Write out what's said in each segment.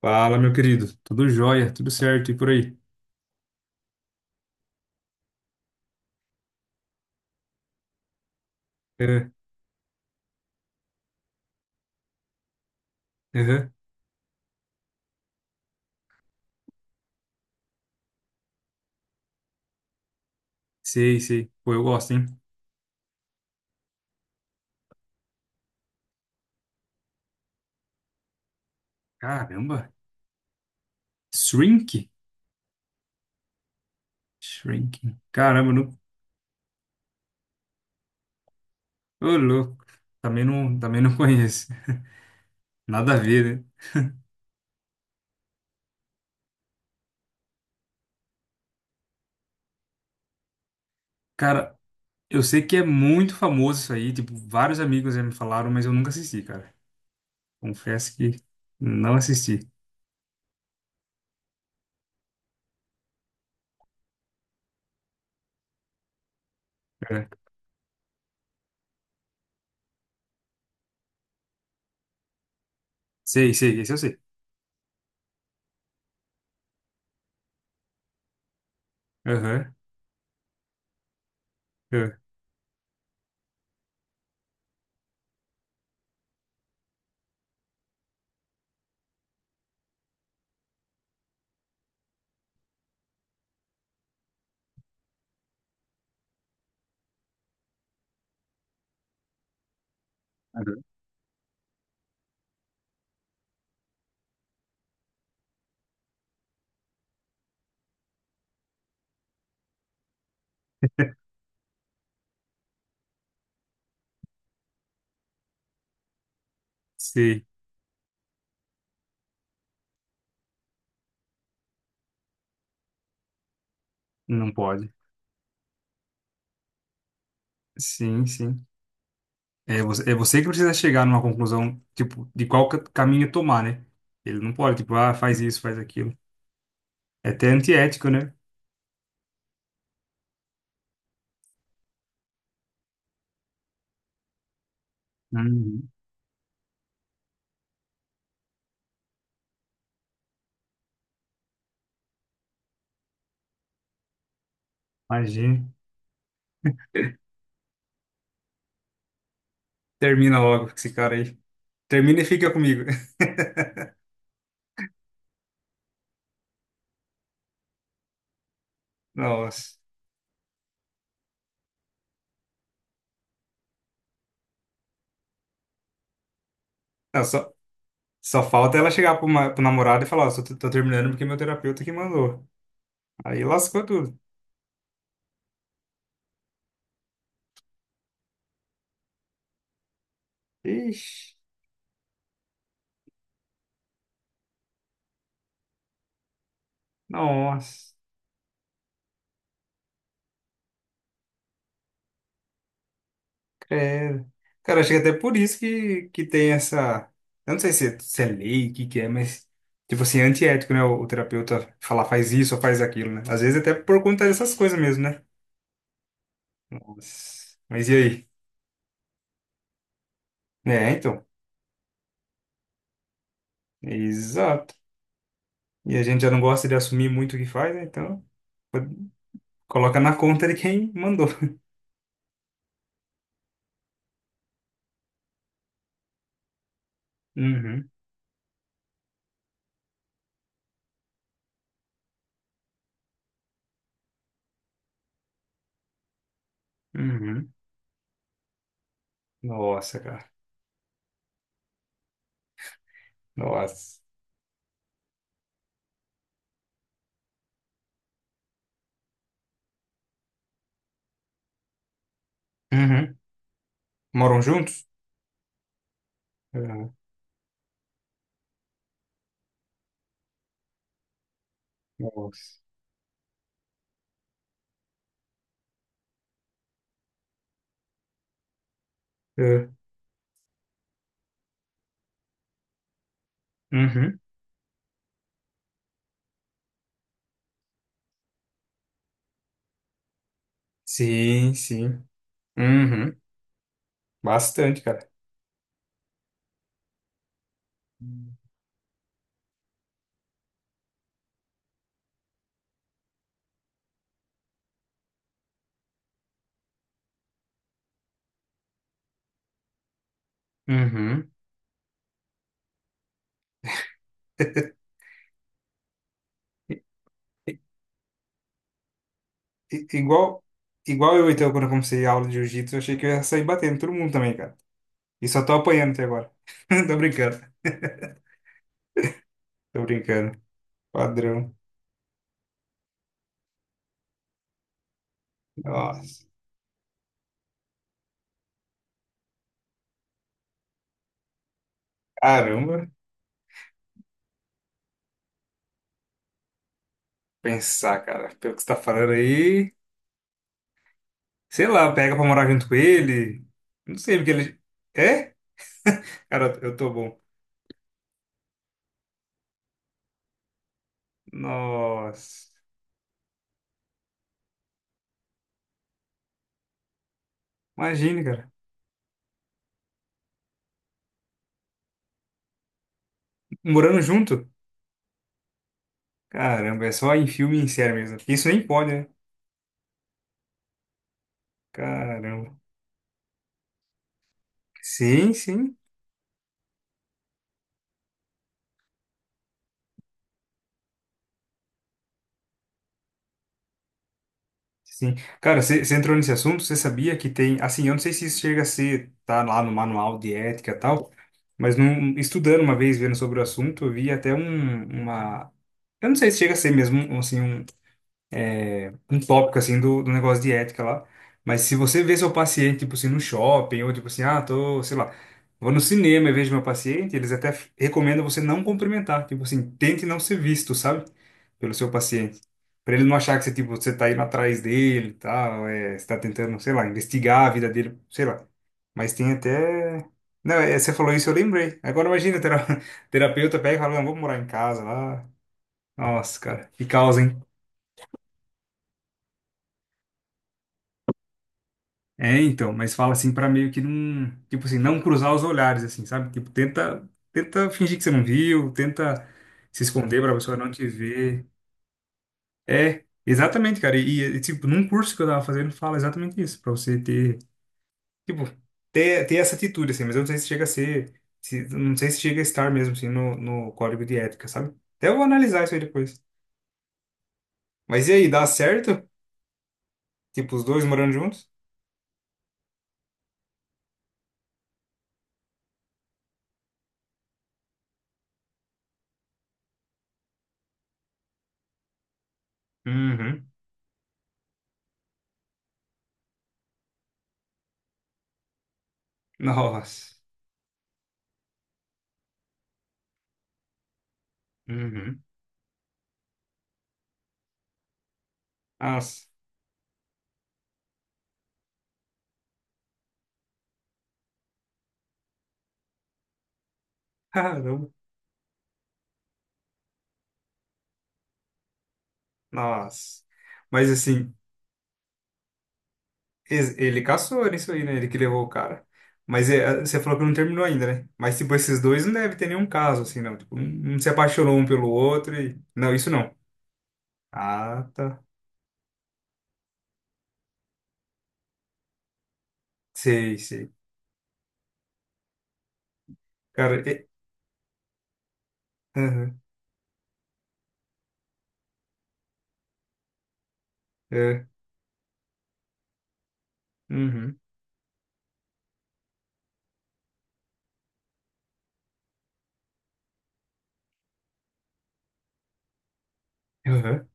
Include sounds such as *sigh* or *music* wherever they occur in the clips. Fala, meu querido. Tudo jóia, tudo certo e por aí? É, aham. Sei, sei. Pô, eu gosto, hein? Caramba. Shrink? Shrinking. Caramba, não. Ô, louco. Também não conheço. *laughs* Nada a ver, né? Cara, eu sei que é muito famoso isso aí. Tipo, vários amigos já me falaram, mas eu nunca assisti, cara. Confesso que não assisti. É. Sei, sei. Esse eu sei. Aham. Aham. Aham. Sei. Não pode. Sim, sim. É você que precisa chegar numa conclusão, tipo, de qual caminho tomar, né? Ele não pode, tipo, ah, faz isso, faz aquilo. É até antiético, né? Uhum. Imagina. Termina logo com esse cara aí. Termina e fica comigo. *laughs* Nossa. Não, só falta ela chegar pro namorado e falar, ó, só tô terminando porque meu terapeuta que mandou. Aí lascou tudo. Ixi, nossa. É, cara, acho que até por isso que tem essa. Eu não sei se é lei, o que é, mas. Tipo assim, é antiético, né? O terapeuta falar faz isso ou faz aquilo, né? Às vezes até por conta dessas coisas mesmo, né? Mas e aí? É, então. Exato. E a gente já não gosta de assumir muito o que faz, né? Então, pode- coloca na conta de quem mandou. *laughs* Uhum, uhum. Nossa, cara. Nossa. Uhum. Moram juntos? Uhum. Nossa. É. Uhum. Sim, sim. Uhum. Bastante, cara. Uhum. *laughs* I- i- Igual, igual eu, então, quando eu comecei a aula de jiu-jitsu, eu achei que eu ia sair batendo todo mundo também, cara. E só tô apanhando até agora. *laughs* Tô brincando. Tô brincando. Padrão. Nossa. Caramba. Pensar, cara. Pelo que você tá falando aí. Sei lá, pega pra morar junto com ele. Não sei, porque ele. É? Cara, eu tô bom. Nossa. Imagine, cara. Morando junto? Caramba, é só em filme e em série mesmo. Isso nem pode, né? Caramba. Sim, sim, sim. Cara, você entrou nesse assunto, você sabia que tem, assim, eu não sei se isso chega a ser, tá lá no manual de ética e tal, mas num, estudando uma vez, vendo sobre o assunto, eu vi até um, uma, eu não sei se chega a ser mesmo, assim, um, tópico assim do negócio de ética lá. Mas se você vê seu paciente, tipo assim, no shopping, ou tipo assim, ah, tô, sei lá, vou no cinema e vejo meu paciente, eles até recomendam você não cumprimentar, tipo assim, tente não ser visto, sabe? Pelo seu paciente. Pra ele não achar que você, tipo, você tá indo atrás dele e tal, é, você tá tentando, sei lá, investigar a vida dele, sei lá. Mas tem até. Não, é, você falou isso, eu lembrei. Agora imagina, *laughs* terapeuta pega e fala, não, vou morar em casa lá. Nossa, cara, que causa, hein? É, então, mas fala assim pra meio que não, tipo assim, não cruzar os olhares assim, sabe? Tipo, tenta fingir que você não viu, tenta se esconder pra pessoa não te ver. É, exatamente, cara. E, tipo, num curso que eu tava fazendo, fala exatamente isso, pra você ter, tipo, ter essa atitude assim, mas eu não sei se chega a ser, se, não sei se chega a estar mesmo assim no código de ética, sabe? Até vou analisar isso aí depois. Mas e aí, dá certo? Tipo, os dois morando juntos? Uhum. Nossa. Uhum. Nossa. *laughs* Caramba. Nossa. Mas assim, ele caçou isso aí, né? Ele que levou o cara. Mas é, você falou que não terminou ainda, né? Mas tipo, esses dois não deve ter nenhum caso, assim, não. Tipo, um se apaixonou um pelo outro e. Não, isso não. Ah, tá. Sei, sei. Cara, é. Aham. É. Uhum. Aham.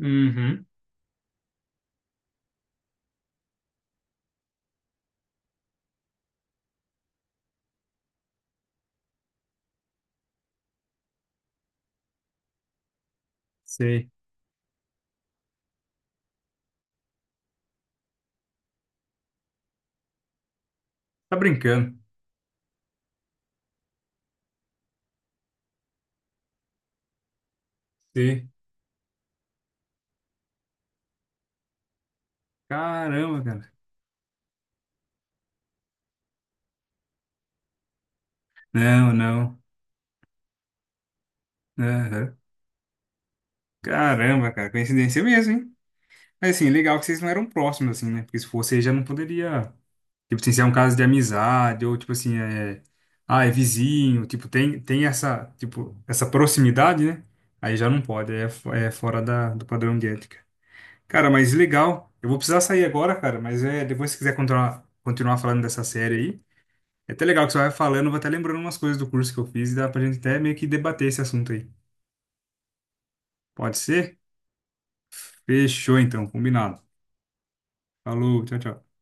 Uhum. Sei. Tá brincando. Sei. Caramba, cara. Não, não. Aham. Caramba, cara. Coincidência mesmo, hein? Mas assim, legal que vocês não eram próximos, assim, né? Porque se fosse, aí já não poderia. Tipo assim, se é um caso de amizade, ou tipo assim, é. Ah, é vizinho, tipo, tem essa, tipo, essa proximidade, né? Aí já não pode, é, é fora do padrão de ética. Cara, mas legal. Eu vou precisar sair agora, cara, mas é, depois se quiser continuar, falando dessa série aí, é até legal que você vai falando, eu vou até lembrando umas coisas do curso que eu fiz e dá pra gente até meio que debater esse assunto aí. Pode ser? Fechou então, combinado. Falou, tchau, tchau.